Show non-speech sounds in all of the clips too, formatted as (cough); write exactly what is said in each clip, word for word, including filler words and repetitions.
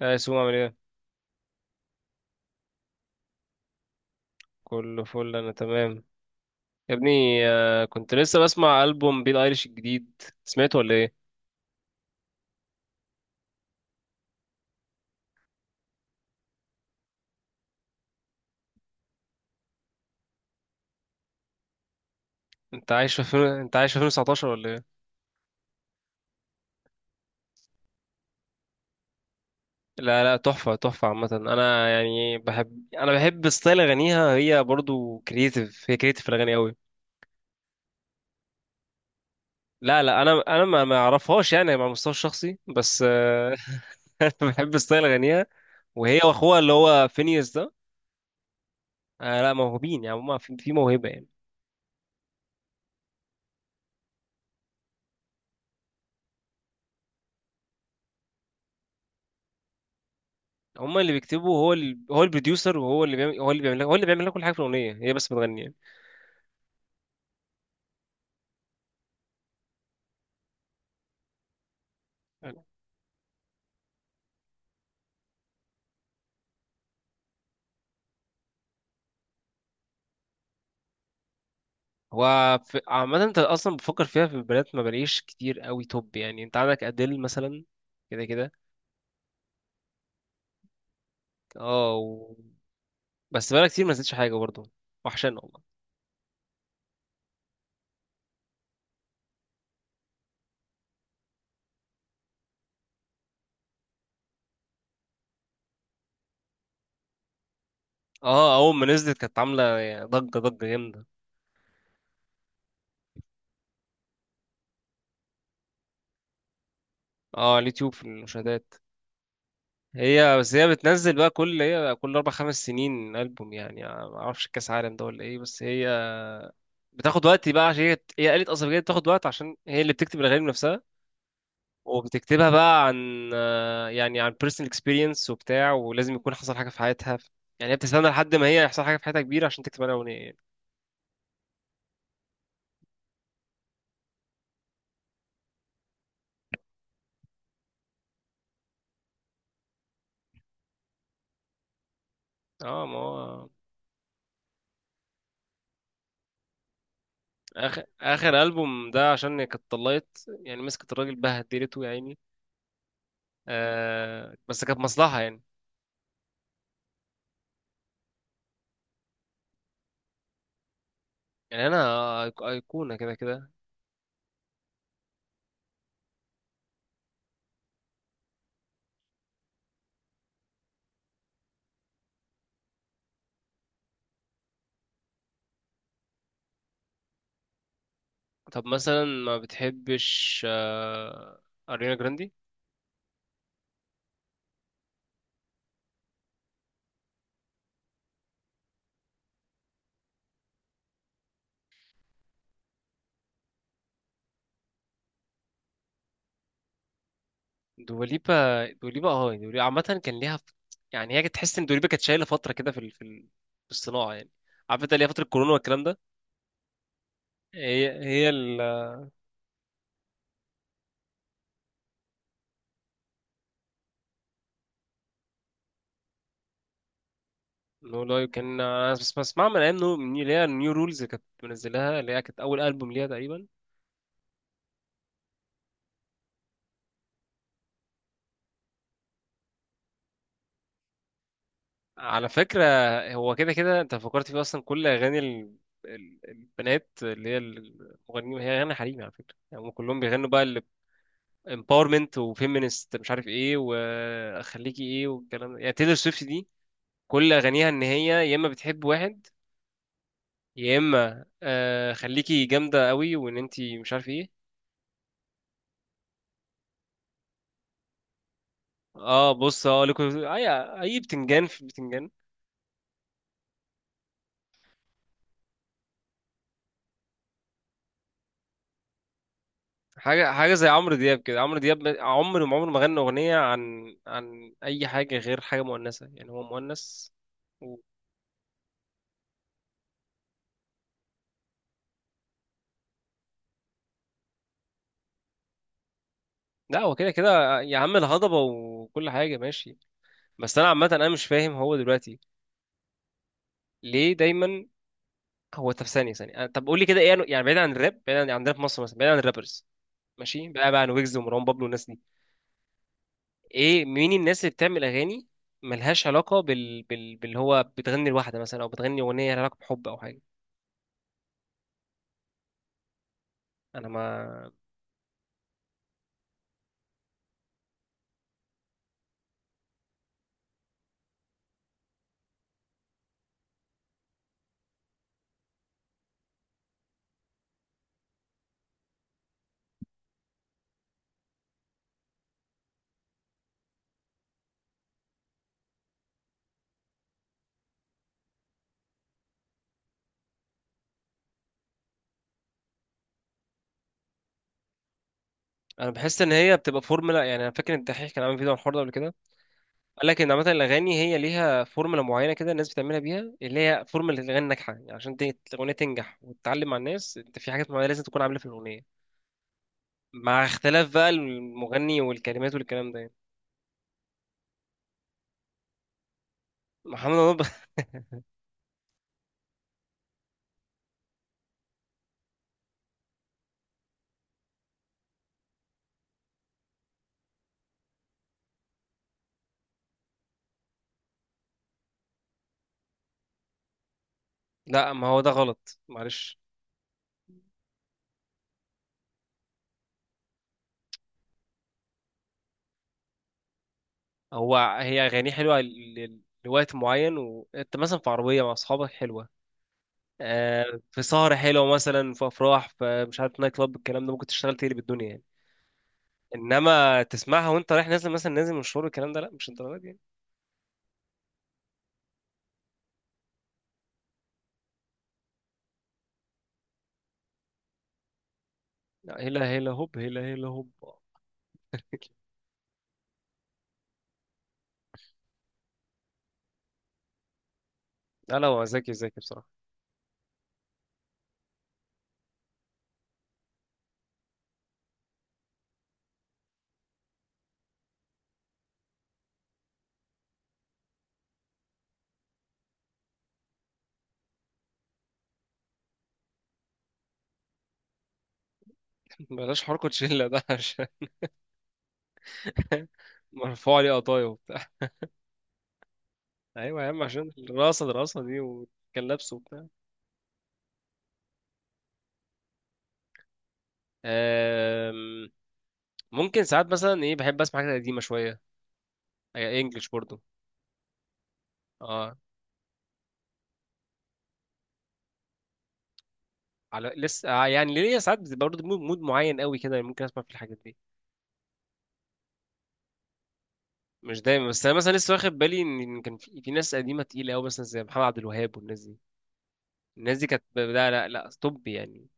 يا يسوع عامل ايه؟ كله فل، انا تمام يا ابني. آه، كنت لسه بسمع البوم بيل ايريش الجديد، سمعته ولا ايه؟ انت عايش في فين؟ انت عايش في ألفين وتسعتاشر ولا ايه؟ لا لا، تحفه تحفه. عامه انا يعني بحب، انا بحب ستايل اغانيها، هي برضو كرييتيف، هي كرييتيف في الاغاني قوي. لا لا، انا انا ما ما اعرفهاش يعني على المستوى الشخصي، بس آه، (laughs) انا بحب ستايل اغانيها، وهي واخوها اللي هو فينيوس ده. آه لا، موهوبين يعني، هما في في موهبه يعني. هما اللي بيكتبوا، هو ال... هو البروديوسر، وهو اللي بيعمل هو اللي بيعمل لك هو اللي بيعمل لك كل حاجه في الاغنيه، هي بس بتغني. يعني هو في... عامه انت اصلا بفكر فيها، في البنات ما بلاقيش كتير قوي توب، يعني انت عندك اديل مثلا، كده كده. اه و... بس بقالها كتير ما نزلتش حاجه برضه، وحشان والله. اه اول ما نزلت كانت عامله يعني ضجه، ضجه جامده. اه على اليوتيوب في المشاهدات. هي بس هي بتنزل بقى كل هي كل اربع خمس سنين البوم، يعني ما اعرفش كاس عالم ده ولا ايه، بس هي بتاخد وقت بقى، عشان هي هي آلة أصلا، بجد بتاخد وقت عشان هي اللي بتكتب الأغاني بنفسها، وبتكتبها بقى عن يعني عن personal experience وبتاع، ولازم يكون حصل حاجة في حياتها، يعني هي بتستنى لحد ما هي يحصل حاجة في حياتها كبيرة عشان تكتب عليها أغنية يعني. اه ما هو آخر آخر ألبوم ده عشان هي كانت طلقت يعني، مسكت الراجل بهدلته يا عيني. آه بس كانت مصلحة يعني. يعني أنا أيق- أيقونة كده كده. طب مثلا، ما بتحبش آه أريانا جراندي؟ دوليبا، دوليبا، اه. يعني دوليبا عامة كان ليها ف- يعني هي كانت تحس ان دوليبا كانت شايلة فترة كده في ال... في ال... في الصناعة يعني، عارف انت، اللي هي فترة كورونا والكلام ده. هي هي ال نو لا كان، انا بس بسمع من ايام نو من اللي هي النيو رولز، اللي كانت منزلها، اللي هي كانت اول البوم ليها تقريبا. على فكرة، هو كده كده انت فكرت فيه اصلا، كل اغاني ال... ال- البنات اللي هي المغنيين هي اغاني حريمي على فكرة، يعني هم كلهم بيغنوا بقى ال empowerment و feminist، مش عارف ايه واخليكي ايه والكلام ده. يعني تيلر سويفت دي كل اغانيها ان هي يا اما بتحب واحد، يا اما آه خليكي جامده قوي وان انتي مش عارف ايه. اه بص اه، لكم اي اي بتنجان في بتنجان. حاجه حاجه زي عمرو دياب كده، عمرو دياب ما- عمره ما عمره ما غنى اغنيه عن عن اي حاجه غير حاجه مؤنثه، يعني هو مؤنث و... لا هو كده كده يا عم الهضبه وكل حاجه ماشي. بس انا عامه انا مش فاهم هو دلوقتي ليه دايما. هو طب ثانيه ثانيه آه، طب قول لي كده، ايه أنو- يعني بعيد عن الراب، بعيد عن عن راب مصر مثلا، بعيد عن الرابرز، ماشي، بقى بقى عن ويجز ومروان بابلو والناس دي، ايه مين الناس اللي بتعمل اغاني ملهاش علاقه بال... بال... باللي هو بتغني لوحده مثلا، او بتغني اغنيه لها علاقه بحب او حاجه. انا ما انا بحس ان هي بتبقى فورمولا، يعني انا فاكر ان الدحيح كان عامل فيديو عن الحوار ده قبل كده، قال لك ان عامه الاغاني هي ليها فورمولا معينه كده الناس بتعملها بيها، اللي هي فورمولا الاغاني الناجحه، يعني عشان ت- الاغنيه تنجح وتتعلم مع الناس، انت في حاجات معينه لازم تكون عاملها في الاغنيه، مع اختلاف بقى المغني والكلمات والكلام ده يعني. محمد رمضان (laughs) لا ما هو ده غلط معلش. هو هي أغانيه حلوة ل- ل- لوقت معين، وأنت مثلا في عربية مع أصحابك حلوة، آه، في سهرة حلوة مثلا، في أفراح، في مش عارف نايت كلاب، الكلام ده ممكن تشتغل تقلب الدنيا يعني. إنما تسمعها وأنت رايح، نازل مثلا نازل من الشغل، الكلام ده لا، مش الدرجة دي يعني. لا هلا هلا هوب، هلا هلا هوب. لا لا، هو ذكي، ذكي بصراحة. (laughs) بلاش حركة شلة ده عشان (laughs) مرفوع عليه قطايا وبتاع. (laughs) أيوة يا عم، عشان الرقصة، الرقصة دي، وكان لابسه وبتاع. آم، ممكن ساعات مثلا إيه، بحب أسمع حاجات قديمة شوية، هي انجلش برضو. اه على لسه آه يعني ليا ساعات بتبقى برضو مود مود معين قوي كده، ممكن اسمع في الحاجات دي، مش دايما. بس انا مثلا لسه واخد بالي ان إن كان في, في ناس قديمه تقيله قوي مثلا زي محمد عبد الوهاب والناس دي، الناس دي كانت ب- لا لا لا طب يعني.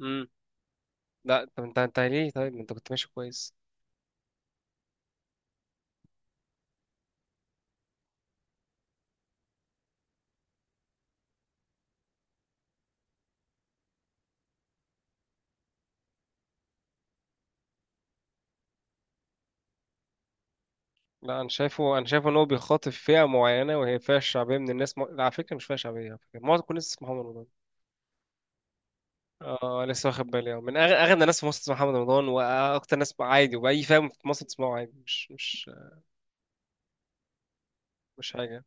امم. لا طب انت انت ليه؟ طيب ما انت كنت ماشي كويس. لا انا شايفه، انا شايفه ان هو بيخاطب فئه معينه، وهي فئه شعبيه من الناس، م... على فكره مش فئه شعبيه، على فكره معظم كل الناس اسمها محمد رمضان. اه لسه واخد بالي، اه من أغ- اغنى ناس في مصر اسمها محمد رمضان، واكتر ناس عادي، واي فئه في مصر تسمعه عادي، مش مش مش حاجة.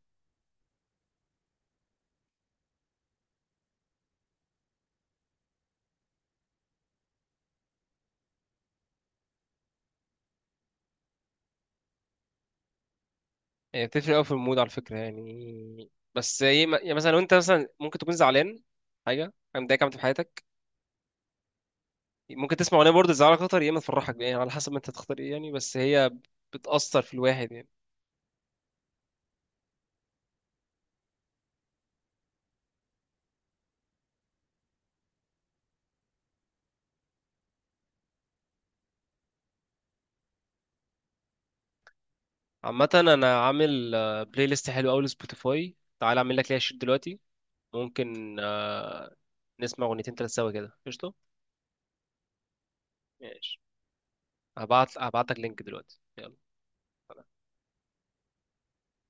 يعني بتفرق أوي في المود على فكرة يعني، بس هي م- يعني مثلا لو أنت مثلا ممكن تكون زعلان، حاجة حاجة مضايقك عملت في حياتك، ممكن تسمع أغنية برضه تزعلك أكتر، يا إما تفرحك، يعني على حسب ما أنت تختار إيه يعني، بس هي بتأثر في الواحد يعني. عامة أنا عامل آه، بلاي ليست حلو أوي لسبوتيفاي، تعال أعمل لك ليها شير دلوقتي، ممكن آه، نسمع أغنيتين تلات سوا كده، قشطة. ماشي، هبعت هبعت لك لينك دلوقتي يلا.